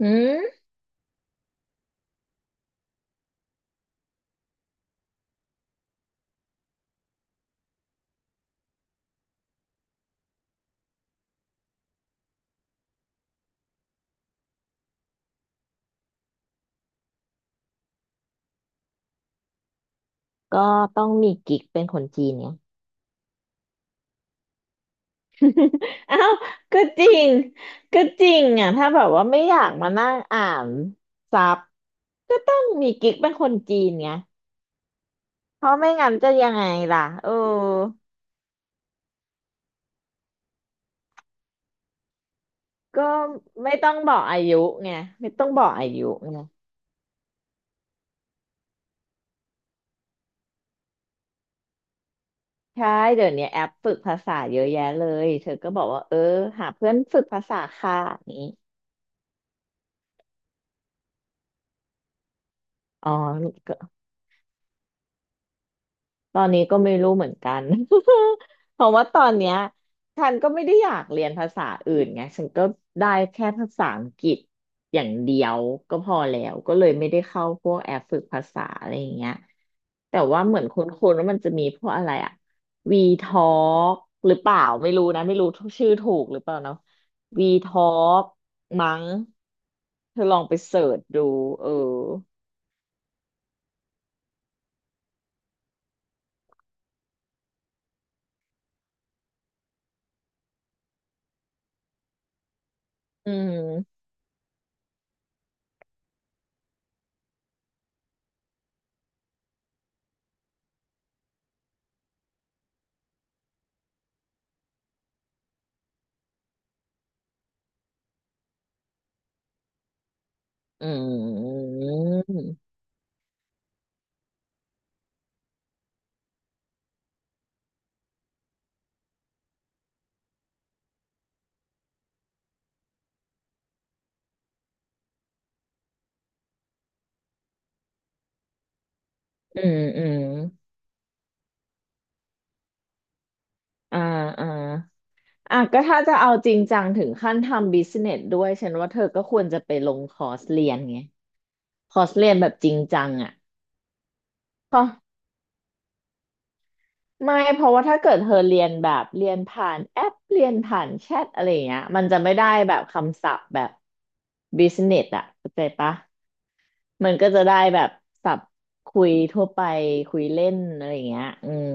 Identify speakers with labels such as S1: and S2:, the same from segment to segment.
S1: อืมก็ต้องมีกิ๊กเป็นคนจีนไง อ้าวก็จริงก็จริงอ่ะถ้าแบบว่าไม่อยากมานั่งอ่านซับก็ต้องมีกิ๊กเป็นคนจีนไงเพราะไม่งั้นจะยังไงล่ะเออก็ไม่ต้องบอกอายุไงไม่ต้องบอกอายุไงใช่เดี๋ยวนี้แอปฝึกภาษาเยอะแยะเลยเธอก็บอกว่าเออหาเพื่อนฝึกภาษาค่ะอย่างนี้อ๋อ ตอนนี้ก็ไม่รู้เหมือนกัน เพราะว่าตอนเนี้ยฉันก็ไม่ได้อยากเรียนภาษาอื่นไงฉันก็ได้แค่ภาษาอังกฤษอย่างเดียวก็พอแล้วก็เลยไม่ได้เข้าพวกแอปฝึกภาษาอะไรอย่างเงี้ยแต่ว่าเหมือนคุ้นๆว่ามันจะมีพวกอะไรอะวีทอล์กหรือเปล่าไม่รู้นะไม่รู้ชื่อถูกหรือเปล่าเนาะวีทอล์กมั้งเธอลองไปเสิร์ชดูเอออืมอืม อืมอ่าอ่าอ่ะก็ถ้าจะเอาจริงจังถึงขั้นทำบิสเนสด้วยฉันว่าเธอก็ควรจะไปลงคอร์สเรียนไงคอร์สเรียนแบบจริงจังอ่ะเพราะไม่เพราะว่าถ้าเกิดเธอเรียนแบบเรียนผ่านแอปเรียนผ่านแชทอะไรอย่างเงี้ยมันจะไม่ได้แบบคำศัพท์แบบบิสเนสอ่ะเข้าใจปะมันก็จะได้แบบศัพท์คุยทั่วไปคุยเล่นอะไรอย่างเงี้ยอืม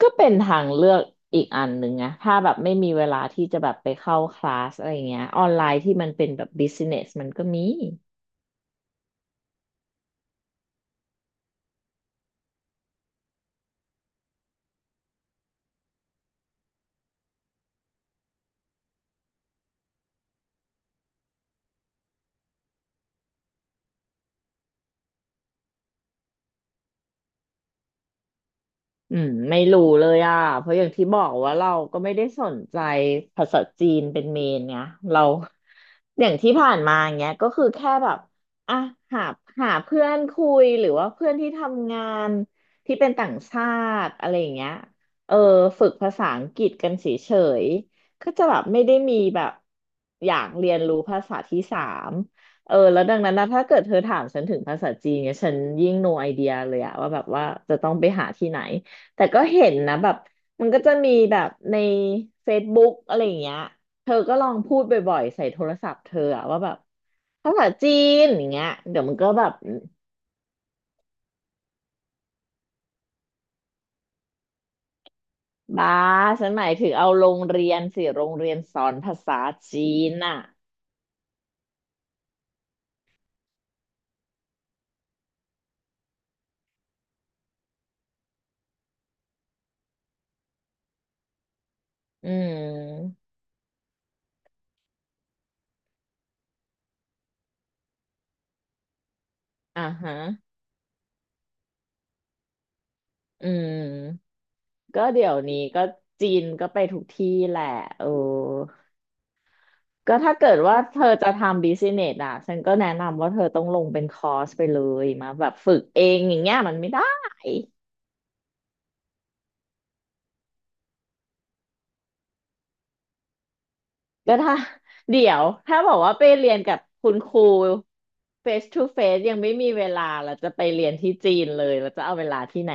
S1: ก็เป็นทางเลือกอีกอันหนึ่งนะถ้าแบบไม่มีเวลาที่จะแบบไปเข้าคลาสอะไรเงี้ยออนไลน์ที่มันเป็นแบบบิสเนสมันก็มี อืมไม่รู้เลยอ่ะเพราะอย่างที่บอกว่าเราก็ไม่ได้สนใจภาษาจีนเป็นเมนไงเรา อย่างที่ผ่านมาเงี้ยก็คือแค่แบบอ่ะหาหาเพื่อนคุยหรือว่าเพื่อนที่ทำงานที่เป็นต่างชาติอะไรอย่างเงี้ยเออฝึกภาษาอังกฤษกันเฉยๆก็จะแบบไม่ได้มีแบบอยากเรียนรู้ภาษาที่สามเออแล้วดังนั้นนะถ้าเกิดเธอถามฉันถึงภาษาจีนเนี่ยฉันยิ่ง no idea เลยอะว่าแบบว่าจะต้องไปหาที่ไหน แต่ก็เห็นนะแบบมันก็จะมีแบบในเฟซบุ๊กอะไรอย่างเงี้ยเธอก็ลองพูดบ่อยๆใส่โทรศัพท์เธออะว่าแบบภาษาจีนอย่างเงี้ยเดี๋ยวมันก็แบบบ้าฉันหมายถึงเอาโรงเรียนสิโรงเรียนสอนภาษาจีนอ่ะอืมอ่าฮะอืมก็เดี๋ยวนี้ก็จีนก็ไปทุกที่แหละเออ ก็ถ้าเกิดว่าเธอจะทำบิสเนสอ่ะฉันก็แนะนำว่าเธอต้องลงเป็นคอร์สไปเลยมาแบบฝึกเองอย่างเงี้ยมันไม่ได้ถ้าเดี๋ยวถ้าบอกว่าไปเรียนกับคุณครู face to face ยังไม่มีเวลาแล้วจะไปเรียนที่จีนเลยแล้วจะเอาเวลาที่ไหน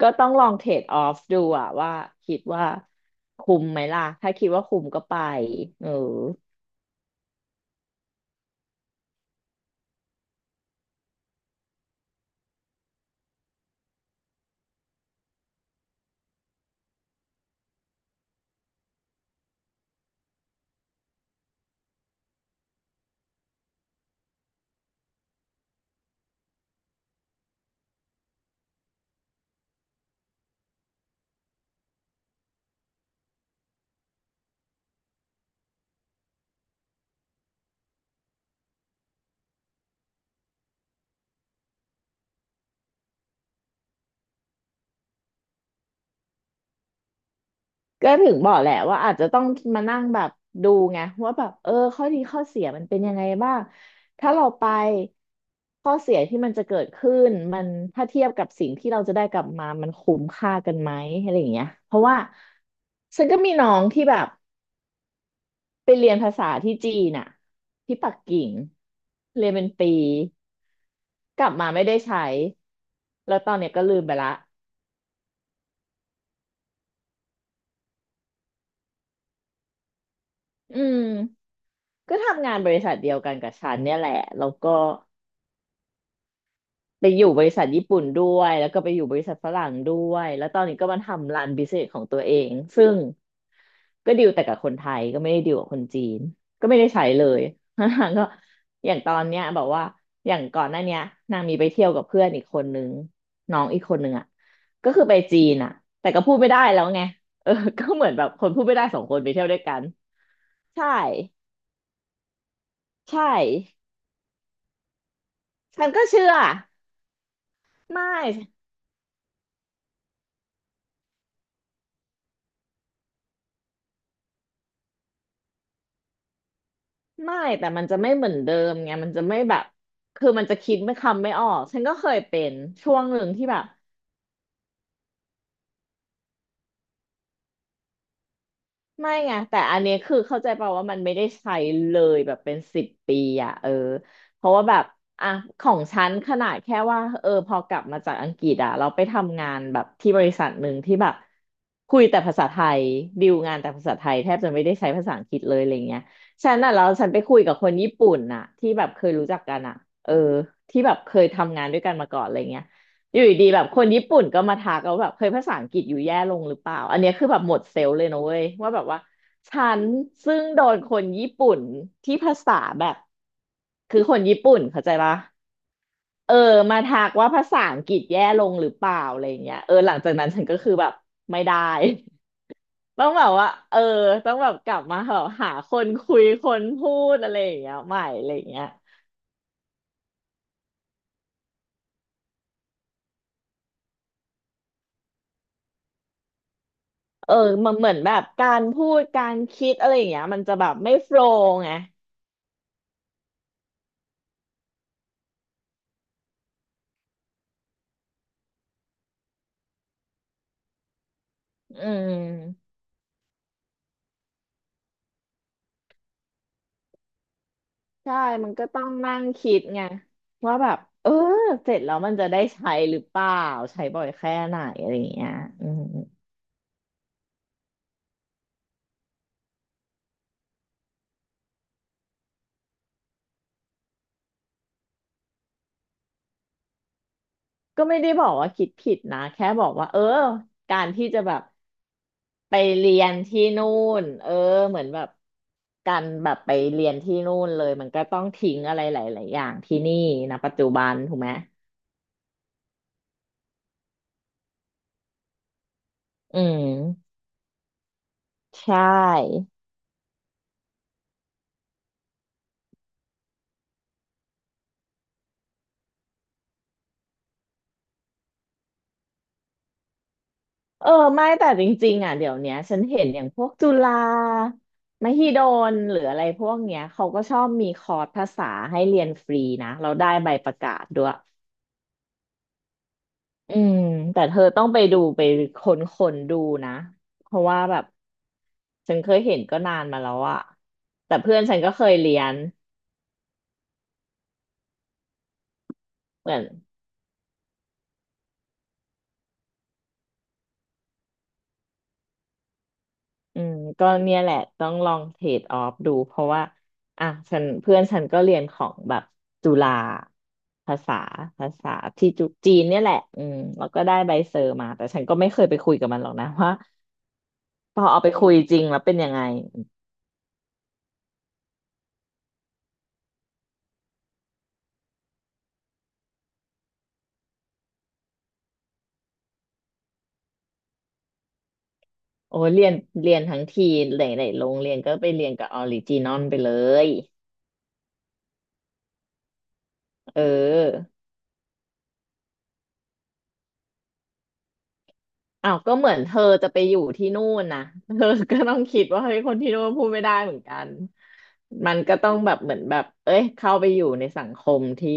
S1: ก็ต้องลองเทรดออฟดูอ่ะว่าคิดว่าคุ้มไหมล่ะถ้าคิดว่าคุ้มก็ไปเออ ก็ถึงบอกแหละว่าอาจจะต้องมานั่งแบบดูไงว่าแบบเออข้อดีข้อเสียมันเป็นยังไงบ้างถ้าเราไปข้อเสียที่มันจะเกิดขึ้นมันถ้าเทียบกับสิ่งที่เราจะได้กลับมามันคุ้มค่ากันไหมอะไรอย่างเงี้ยเพราะว่าฉันก็มีน้องที่แบบไปเรียนภาษาที่จีนน่ะที่ปักกิ่งเรียนเป็นปีกลับมาไม่ได้ใช้แล้วตอนเนี้ยก็ลืมไปละอืมก็ทำงานบริษัทเดียวกันกับฉันเนี่ยแหละแล้วก็ ไปอยู่บริษัทญี่ปุ่นด้วยแล้วก็ไปอยู่บริษัทฝรั่งด้วยแล้วตอนนี้ก็มาทำร้านบิสเนสของตัวเองซึ่งก็ดีลแต่กับคนไทยก็ไม่ได้ดีลกับคนจีนก็ไม่ได้ใช้เลย นางก็อย่างตอนเนี้ยบอกว่าอย่างก่อนหน้าเนี้ยนางมีไปเที่ยวกับเพื่อนอีกคนนึงน้องอีกคนนึงอ่ะก็คือไปจีนอ่ะแต่ก็พูดไม่ได้แล้วไงเออ ก็เหมือนแบบคนพูดไม่ได้สองคนไปเที่ยวด้วยกันใช่ใช่ฉันก็เชื่อไม่ ไม่แต่มันจะไม่เหมือนเดิมไงมันจะไม่แบบคือมันจะคิดไม่คำไม่ออกฉันก็เคยเป็นช่วงหนึ่งที่แบบ ไม่ไงแต่อันเนี้ยคือเข้าใจเปล่าว่ามันไม่ได้ใช้เลยแบบเป็นสิบปีอ่ะเออเพราะว่าแบบอ่ะของฉันขนาดแค่ว่าเออพอกลับมาจากอังกฤษอ่ะเราไปทำงานแบบที่บริษัทหนึ่งที่แบบคุยแต่ภาษาไทยดีลงานแต่ภาษาไทยแทบจะไม่ได้ใช้ภาษาอังกฤษเลยอะไรเงี้ยฉันอ่ะแล้วฉันไปคุยกับคนญี่ปุ่นน่ะที่แบบเคยรู้จักกันอ่ะเออที่แบบเคยทำงานด้วยกันมาก่อนอะไรเงี้ย อยู่ดีๆแบบคนญี่ปุ่นก็มาทักเราแบบเคยภาษาอังกฤษอยู่แย่ลงหรือเปล่าอันเนี้ยคือแบบหมดเซลล์เลยนะเว้ยว่าแบบว่าฉันซึ่งโดนคนญี่ปุ่นที่ภาษาแบบคือคนญี่ปุ่นเข้าใจปะเออมาทักว่าภาษาอังกฤษแย่ลงหรือเปล่าอะไรเงี้ยหลังจากนั้นฉันก็คือแบบไม่ได้ ต้องแบบว่าต้องแบบกลับมาแบบหาคนคุยคนพูดอะไรอย่างเงี้ยใหม่อะไรอย่างเงี้ยเออมันเหมือนแบบการพูดการคิดอะไรอย่างเงี้ยมันจะแบบไม่โฟลว์ไงอืม ใช่มันก็ต้องนั่งคิดไงว่าแบบเสร็จแล้วมันจะได้ใช้หรือเปล่าใช้บ่อยแค่ไหนอะไรอย่างเงี้ยอืมก็ไม่ได้บอกว่าคิดผิดนะแค่บอกว่าการที่จะแบบไปเรียนที่นู่นเหมือนแบบการแบบไปเรียนที่นู่นเลยมันก็ต้องทิ้งอะไรหลายๆอย่างที่นี่นะปัจจุบันถูกไหมอืมใช่ ไม่แต่จริงๆอ่ะเดี๋ยวเนี้ยฉันเห็นอย่างพวกจุฬามหิดลหรืออะไรพวกเนี้ยเขาก็ชอบมีคอร์สภาษาให้เรียนฟรีนะเราได้ใบประกาศด้วยอืมแต่เธอต้องไปดูไปค้นคนดูนะเพราะว่าแบบฉันเคยเห็นก็นานมาแล้วอะแต่เพื่อนฉันก็เคยเรียนเหมือน อืมก็เนี่ยแหละต้องลองเทรดออฟดูเพราะว่าอ่ะฉันเพื่อนฉันก็เรียนของแบบจุฬาภาษาภาษาที่จุจีนเนี่ยแหละอืมแล้วก็ได้ใบเซอร์มาแต่ฉันก็ไม่เคยไปคุยกับมันหรอกนะ ว่าพอเอาไปคุยจริงแล้วเป็นยังไงโอ้เรียนเรียนทั้งทีหลายๆโรงเรียนก็ไปเรียนกับออริจินอลไปเลยเออ อ้าวก็เหมือนเธอจะไปอยู่ที่นู่นนะ เธอก็ต้องคิดว่าเฮ้ยคนที่นู่นพูดไม่ได้เหมือนกัน มันก็ต้องแบบเหมือนแบบเอ้ยเข้าไปอยู่ในสังคมที่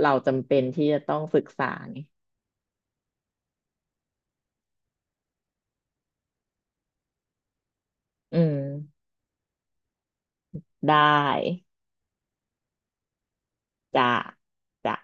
S1: เราจำเป็นที่จะต้องศึกษาไงอืมได้จ้ะจ้ะ